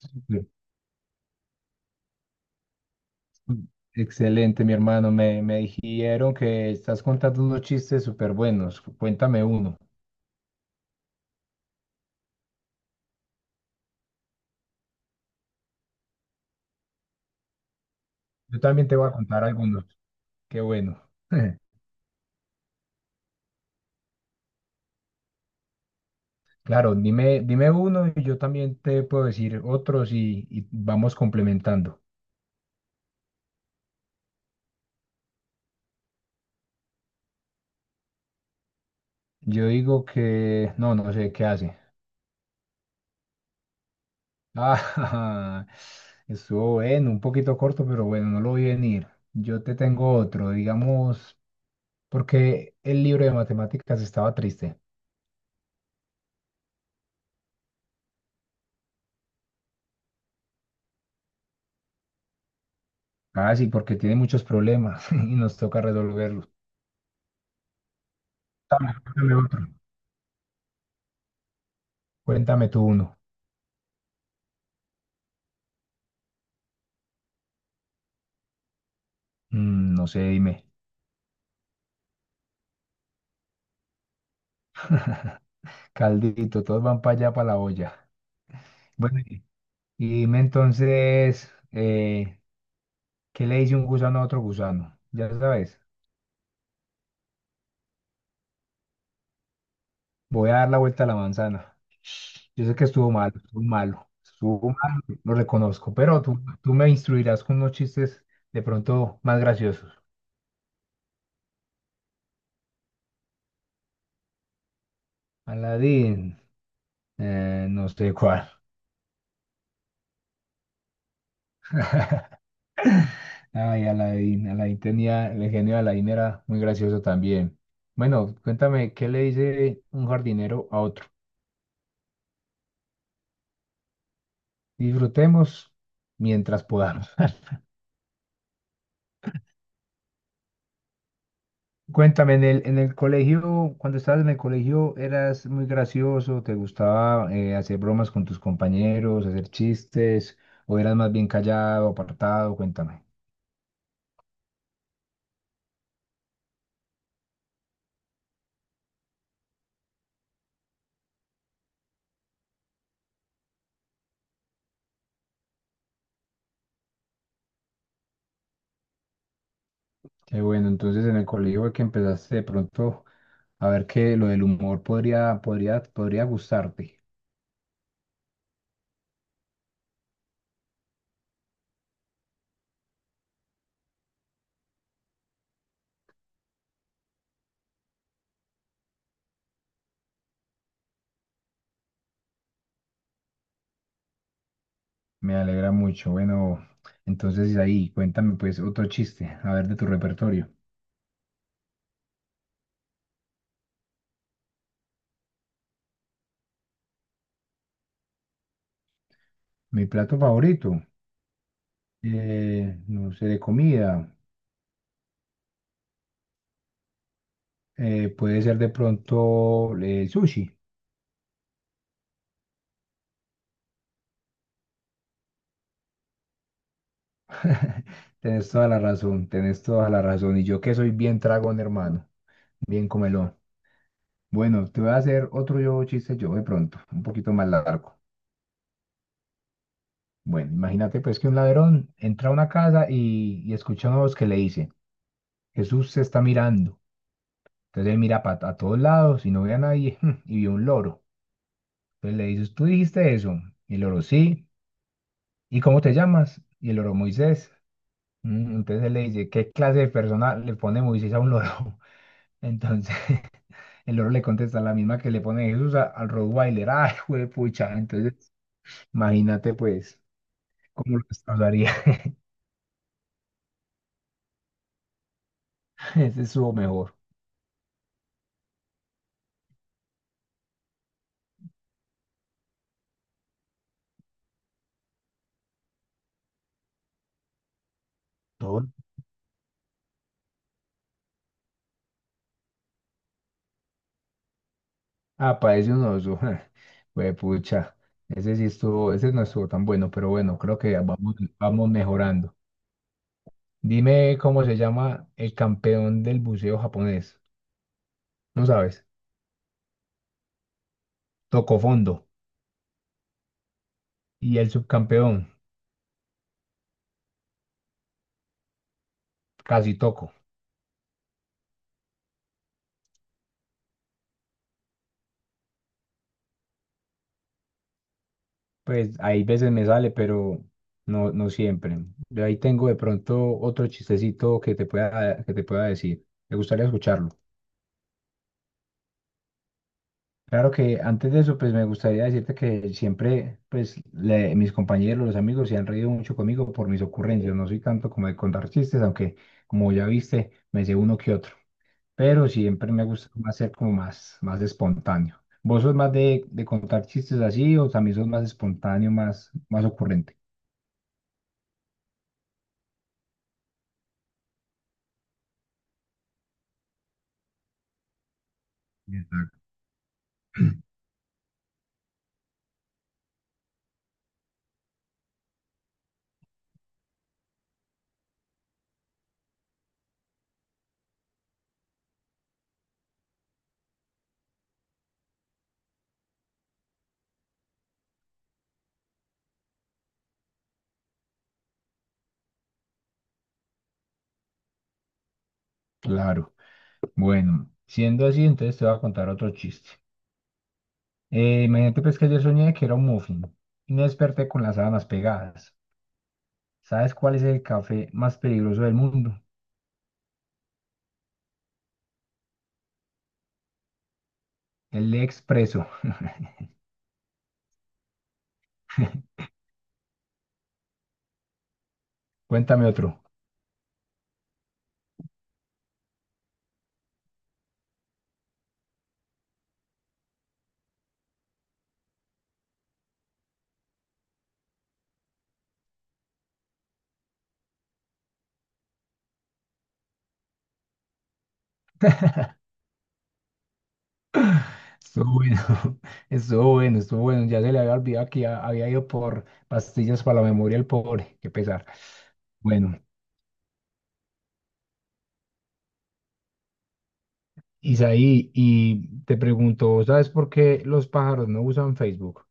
Súper. Excelente, mi hermano. Me dijeron que estás contando unos chistes súper buenos. Cuéntame uno. Yo también te voy a contar algunos. Qué bueno. Claro, dime uno y yo también te puedo decir otros y vamos complementando. Yo digo que no, no sé qué hace. Ah, estuvo bueno, un poquito corto, pero bueno, no lo vi venir. Yo te tengo otro, digamos, porque el libro de matemáticas estaba triste. Ah, sí, porque tiene muchos problemas y nos toca resolverlos. Cuéntame otro. Cuéntame tú uno. Mm, no sé, dime. Caldito, todos van para allá, para la olla. Bueno, y dime entonces, ¿qué le dice un gusano a otro gusano? Ya sabes, voy a dar la vuelta a la manzana. Yo sé que estuvo malo, estuvo malo, estuvo malo, lo reconozco, pero tú me instruirás con unos chistes de pronto más graciosos. Aladín, no sé cuál. Ay, Alain, Alain tenía, el genio de Alain era muy gracioso también. Bueno, cuéntame, ¿qué le dice un jardinero a otro? Disfrutemos mientras podamos. Cuéntame, en el colegio, cuando estabas en el colegio, ¿eras muy gracioso? ¿Te gustaba hacer bromas con tus compañeros, hacer chistes? ¿O eras más bien callado, apartado? Cuéntame. Qué bueno, entonces en el colegio fue que empezaste de pronto a ver que lo del humor podría gustarte. Me alegra mucho. Bueno, entonces ahí, cuéntame pues otro chiste, a ver de tu repertorio. Mi plato favorito, no sé, de comida, puede ser de pronto el sushi. Tenés toda la razón, tenés toda la razón. Y yo que soy bien tragón, hermano, bien comelón. Bueno, te voy a hacer otro yo chiste yo de pronto, un poquito más largo. Bueno, imagínate pues que un ladrón entra a una casa y escucha una voz que le dice, Jesús se está mirando. Entonces él mira a todos lados y no ve a nadie y vio un loro. Entonces le dices, ¿tú dijiste eso? Y el loro, sí. ¿Y cómo te llamas? Y el loro, Moisés. "Mm", entonces él le dice, ¿qué clase de persona le pone Moisés a un loro? Entonces el loro le contesta la misma que le pone Jesús al Rottweiler. ¡Ay, juepucha! Entonces imagínate pues cómo lo destrozaría. Ese estuvo mejor. Todo. Ah, parece un oso. Pucha. Ese sí estuvo, ese no estuvo tan bueno, pero bueno, creo que vamos mejorando. Dime cómo se llama el campeón del buceo japonés. No sabes. Tocó fondo. Y el subcampeón, casi toco. Pues hay veces me sale, pero no, no siempre. Yo ahí tengo de pronto otro chistecito que te pueda decir. ¿Te gustaría escucharlo? Claro que antes de eso, pues me gustaría decirte que siempre, mis compañeros, los amigos se han reído mucho conmigo por mis ocurrencias. No soy tanto como de contar chistes, aunque como ya viste, me sé uno que otro. Pero siempre me gusta más ser como más, más espontáneo. ¿Vos sos más de contar chistes así o también sos más espontáneo, más, más ocurrente? Claro. Bueno, siendo así, entonces te voy a contar otro chiste. Imagínate pues que yo soñé que era un muffin y me desperté con las sábanas pegadas. ¿Sabes cuál es el café más peligroso del mundo? El expreso. Cuéntame otro. Estuvo bueno, estuvo bueno, estuvo bueno. Ya se le había olvidado que ya había ido por pastillas para la memoria el pobre. Qué pesar. Bueno, Isaí, y te pregunto, ¿sabes por qué los pájaros no usan Facebook?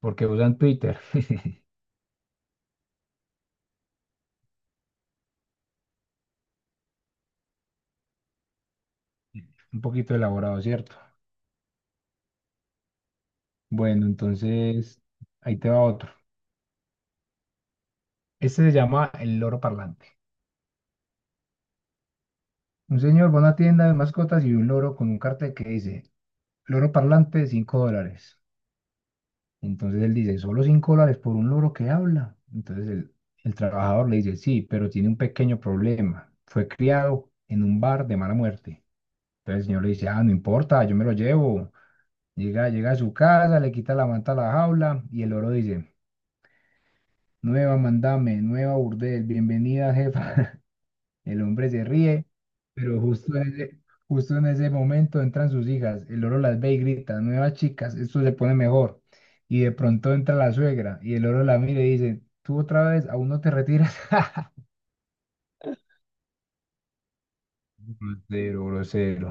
Porque usan Twitter. Un poquito elaborado, ¿cierto? Bueno, entonces ahí te va otro. Este se llama el loro parlante. Un señor va a una tienda de mascotas y ve un loro con un cartel que dice, loro parlante, $5. Entonces él dice, solo $5 por un loro que habla. Entonces el trabajador le dice, sí, pero tiene un pequeño problema. Fue criado en un bar de mala muerte. Entonces el señor le dice, ah, no importa, yo me lo llevo. Llega a su casa, le quita la manta a la jaula y el loro dice, nueva mandame, nueva burdel, bienvenida jefa. El hombre se ríe, pero justo en ese momento entran sus hijas. El loro las ve y grita, nuevas chicas, esto se pone mejor. Y de pronto entra la suegra y el loro la mira y dice, tú otra vez, aún no te retiras. Grosero, grosero.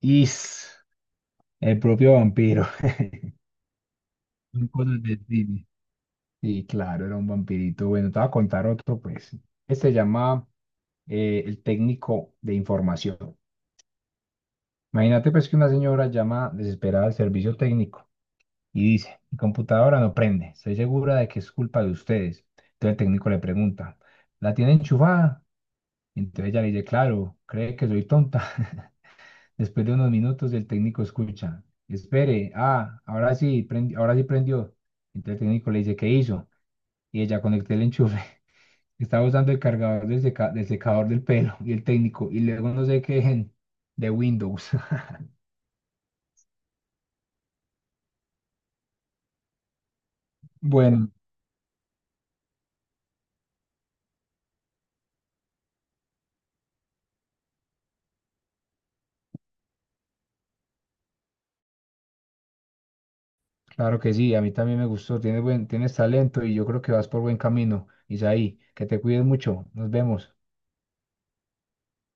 Is, el propio vampiro. Son cosas del cine. Sí, claro, era un vampirito. Bueno, te voy a contar otro, pues. Este se llama el técnico de información. Imagínate, pues, que una señora llama desesperada al servicio técnico y dice, mi computadora no prende, estoy segura de que es culpa de ustedes. Entonces el técnico le pregunta, ¿la tiene enchufada? Y entonces ella le dice, claro, cree que soy tonta. Después de unos minutos el técnico escucha, espere, ahora sí prendió. Entonces el técnico le dice, ¿qué hizo? Y ella conecté el enchufe. Estaba usando el cargador del secador del pelo y el técnico, y luego no sé qué, de Windows. Bueno, claro que sí, a mí también me gustó, tienes talento y yo creo que vas por buen camino. Isaí, que te cuides mucho, nos vemos.